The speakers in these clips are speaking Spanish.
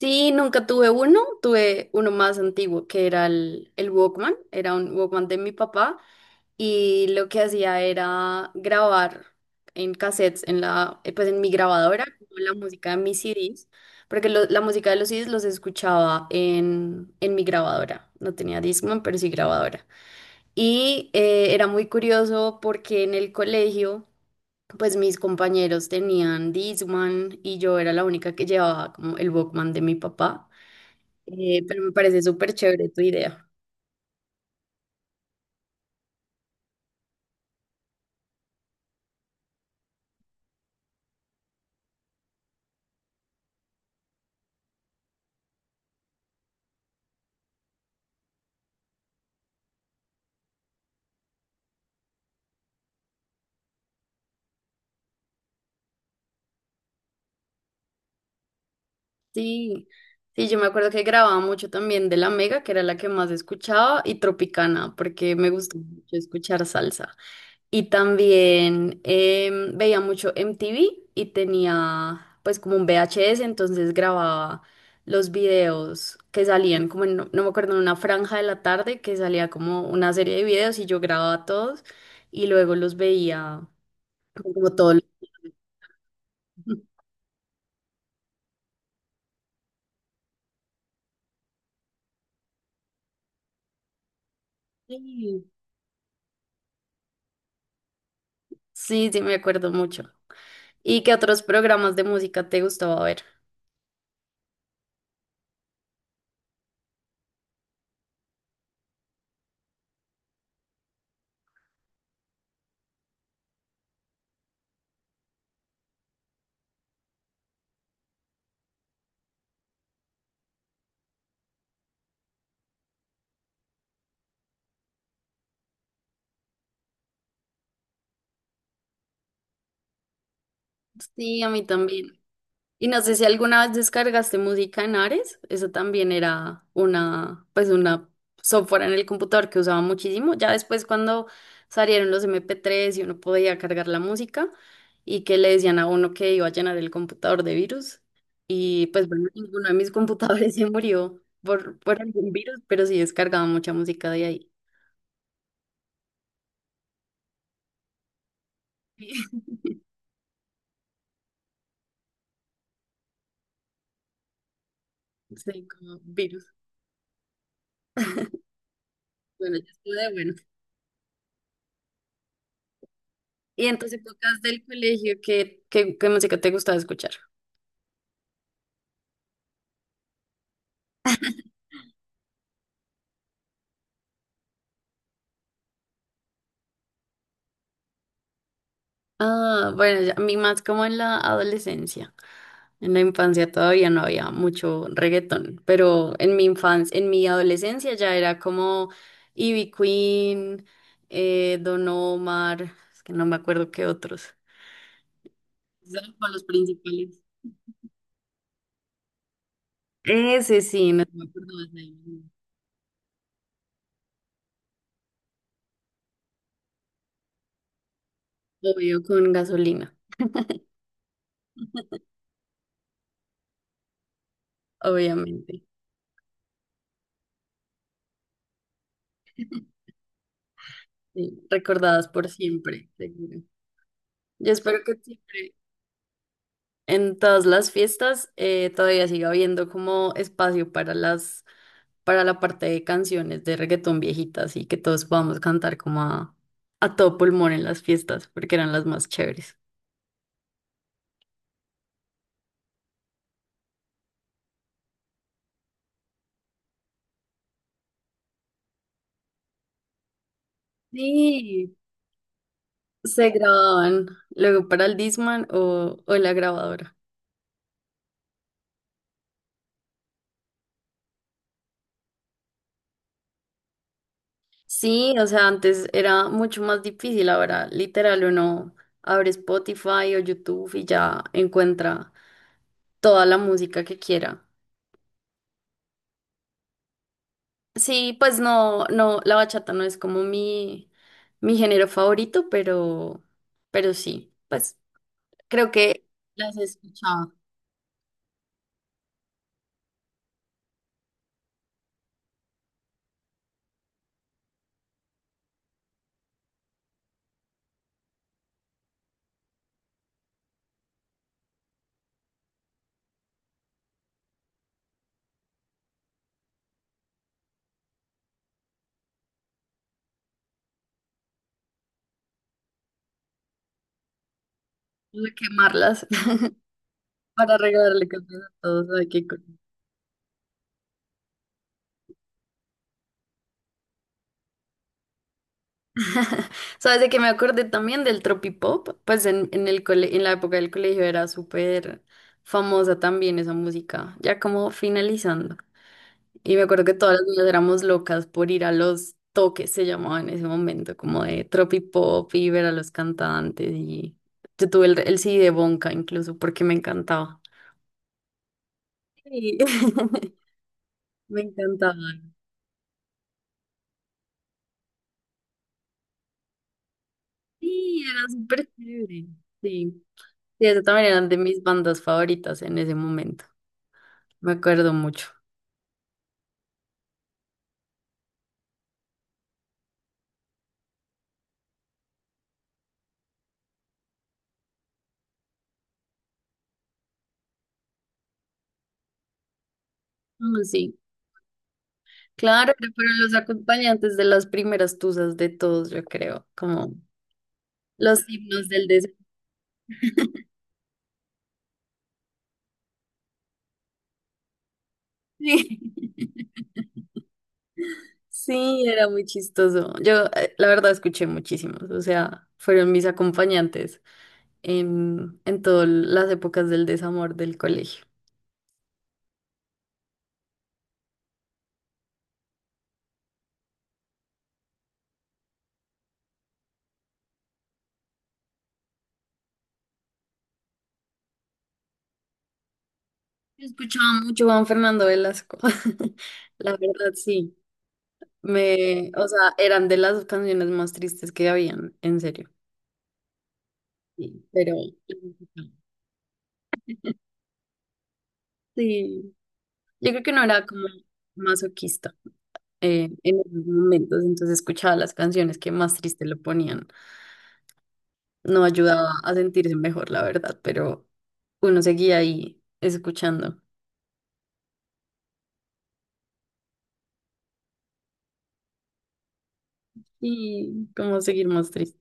Sí, nunca tuve uno. Tuve uno más antiguo que era el Walkman. Era un Walkman de mi papá y lo que hacía era grabar en cassettes, en la, pues en mi grabadora, como la música de mis CDs, porque la música de los CDs los escuchaba en mi grabadora. No tenía Discman, pero sí grabadora. Y era muy curioso porque en el colegio pues mis compañeros tenían Discman y yo era la única que llevaba como el Walkman de mi papá. Pero me parece súper chévere tu idea. Sí, sí, yo me acuerdo que grababa mucho también de La Mega, que era la que más escuchaba, y Tropicana, porque me gusta mucho escuchar salsa. Y también veía mucho MTV y tenía pues como un VHS, entonces grababa los videos que salían, como no me acuerdo, en una franja de la tarde que salía como una serie de videos y yo grababa todos y luego los veía como todos. Sí, sí, me acuerdo mucho. ¿Y qué otros programas de música te gustaba ver? Sí, a mí también. Y no sé si alguna vez descargaste música en Ares. Eso también era una, pues una software en el computador que usaba muchísimo. Ya después cuando salieron los MP3 y uno podía cargar la música y que le decían a uno que iba a llenar el computador de virus. Y pues bueno, ninguno de mis computadores se murió por algún virus, pero sí descargaba mucha música de ahí. Sí, como virus. Bueno, ya estuvo de bueno. Y en tus épocas del colegio, ¿qué música te gustaba escuchar? Ah, bueno, a mí más como en la adolescencia. En la infancia todavía no había mucho reggaetón, pero en mi infancia, en mi adolescencia ya era como Ivy Queen, Don Omar, es que no me acuerdo qué otros. Esos eran como los principales. Ese sí, no me acuerdo más de ellos. Obvio, con gasolina, obviamente. Sí, recordadas por siempre, seguro. Yo espero que siempre en todas las fiestas todavía siga habiendo como espacio para para la parte de canciones de reggaetón viejitas y que todos podamos cantar como a todo pulmón en las fiestas, porque eran las más chéveres. Sí, se grababan luego para el Discman o la grabadora. Sí, o sea, antes era mucho más difícil, ahora literal uno abre Spotify o YouTube y ya encuentra toda la música que quiera. Sí, pues no, la bachata no es como mi género favorito, pero sí, pues creo que las he escuchado. Voy a quemarlas para regalarle canciones a todos. Ay, qué cool. Sabes de que me acordé también del tropipop, pues en el en la época del colegio era súper famosa también esa música, ya como finalizando. Y me acuerdo que todas las niñas éramos locas por ir a los toques, se llamaba en ese momento, como de tropipop y ver a los cantantes. Y yo tuve el CD de Bonka incluso porque me encantaba. Sí. Me encantaba. Sí, era súper chévere. Sí. Sí, esas también eran de mis bandas favoritas en ese momento. Me acuerdo mucho. Sí, claro, pero fueron los acompañantes de las primeras tuzas de todos, yo creo, como los himnos del deseo. Sí. Sí, era muy chistoso. Yo, la verdad, escuché muchísimos, o sea, fueron mis acompañantes en todas las épocas del desamor del colegio. Yo escuchaba mucho Juan Fernando Velasco, la verdad, sí. Me, o sea, eran de las canciones más tristes que habían, en serio. Sí, pero sí, yo creo que no era como masoquista en esos momentos, entonces escuchaba las canciones que más triste lo ponían. No ayudaba a sentirse mejor, la verdad, pero uno seguía ahí escuchando y como seguir más triste.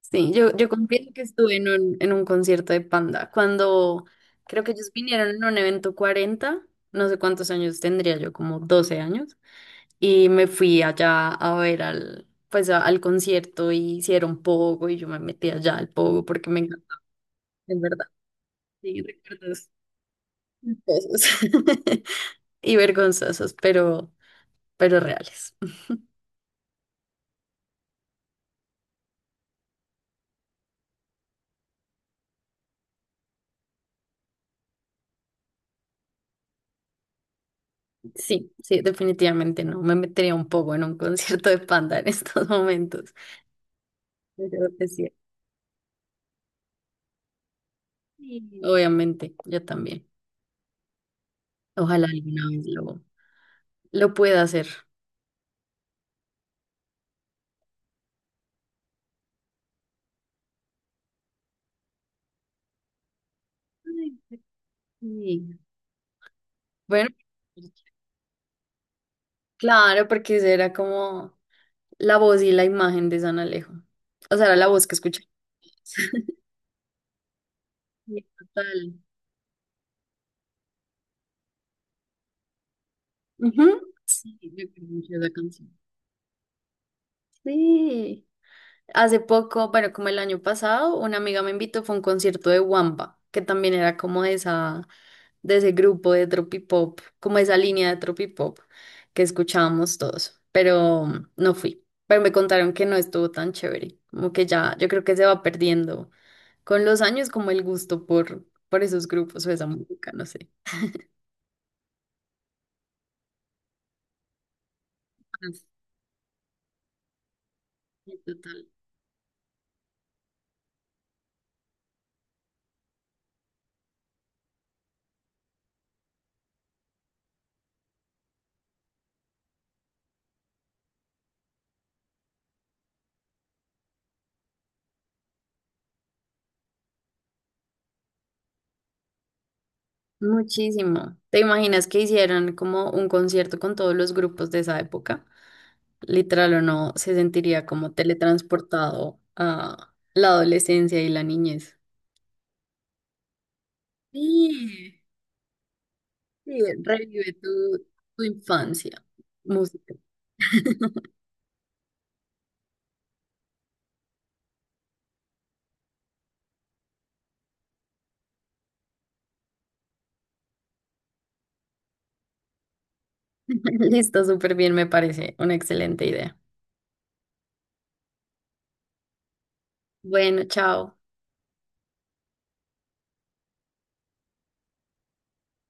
Sí, yo confieso que estuve en en un concierto de Panda cuando creo que ellos vinieron en un evento 40, no sé cuántos años tendría yo, como 12 años, y me fui allá a ver al, pues al concierto y hicieron pogo y yo me metí allá al pogo porque me encantó, en verdad. Sí, recuerdos culposos y vergonzosos, pero reales. Sí, sí, definitivamente no, me metería un poco en un concierto de Panda en estos momentos. Yo creo que sí. Sí. Obviamente, yo también. Ojalá alguna vez lo pueda hacer. Ay, pues sí. Bueno, claro, porque esa era como la voz y la imagen de San Alejo. O sea, era la voz que escuché. Sí. Total. Ujú. Sí, yo creo mucho de esa canción. Sí. Hace poco, bueno, como el año pasado, una amiga me invitó, fue a un concierto de Wamba, que también era como de esa, de ese grupo de tropipop, como esa línea de tropipop que escuchábamos todos, pero no fui. Pero me contaron que no estuvo tan chévere, como que ya, yo creo que se va perdiendo con los años como el gusto por esos grupos o esa música, no sé. Ah, sí, total. Muchísimo. ¿Te imaginas que hicieran como un concierto con todos los grupos de esa época? Literal o no, se sentiría como teletransportado a la adolescencia y la niñez. Sí, sí, revive tu infancia. Música. Listo, súper bien, me parece una excelente idea. Bueno, chao.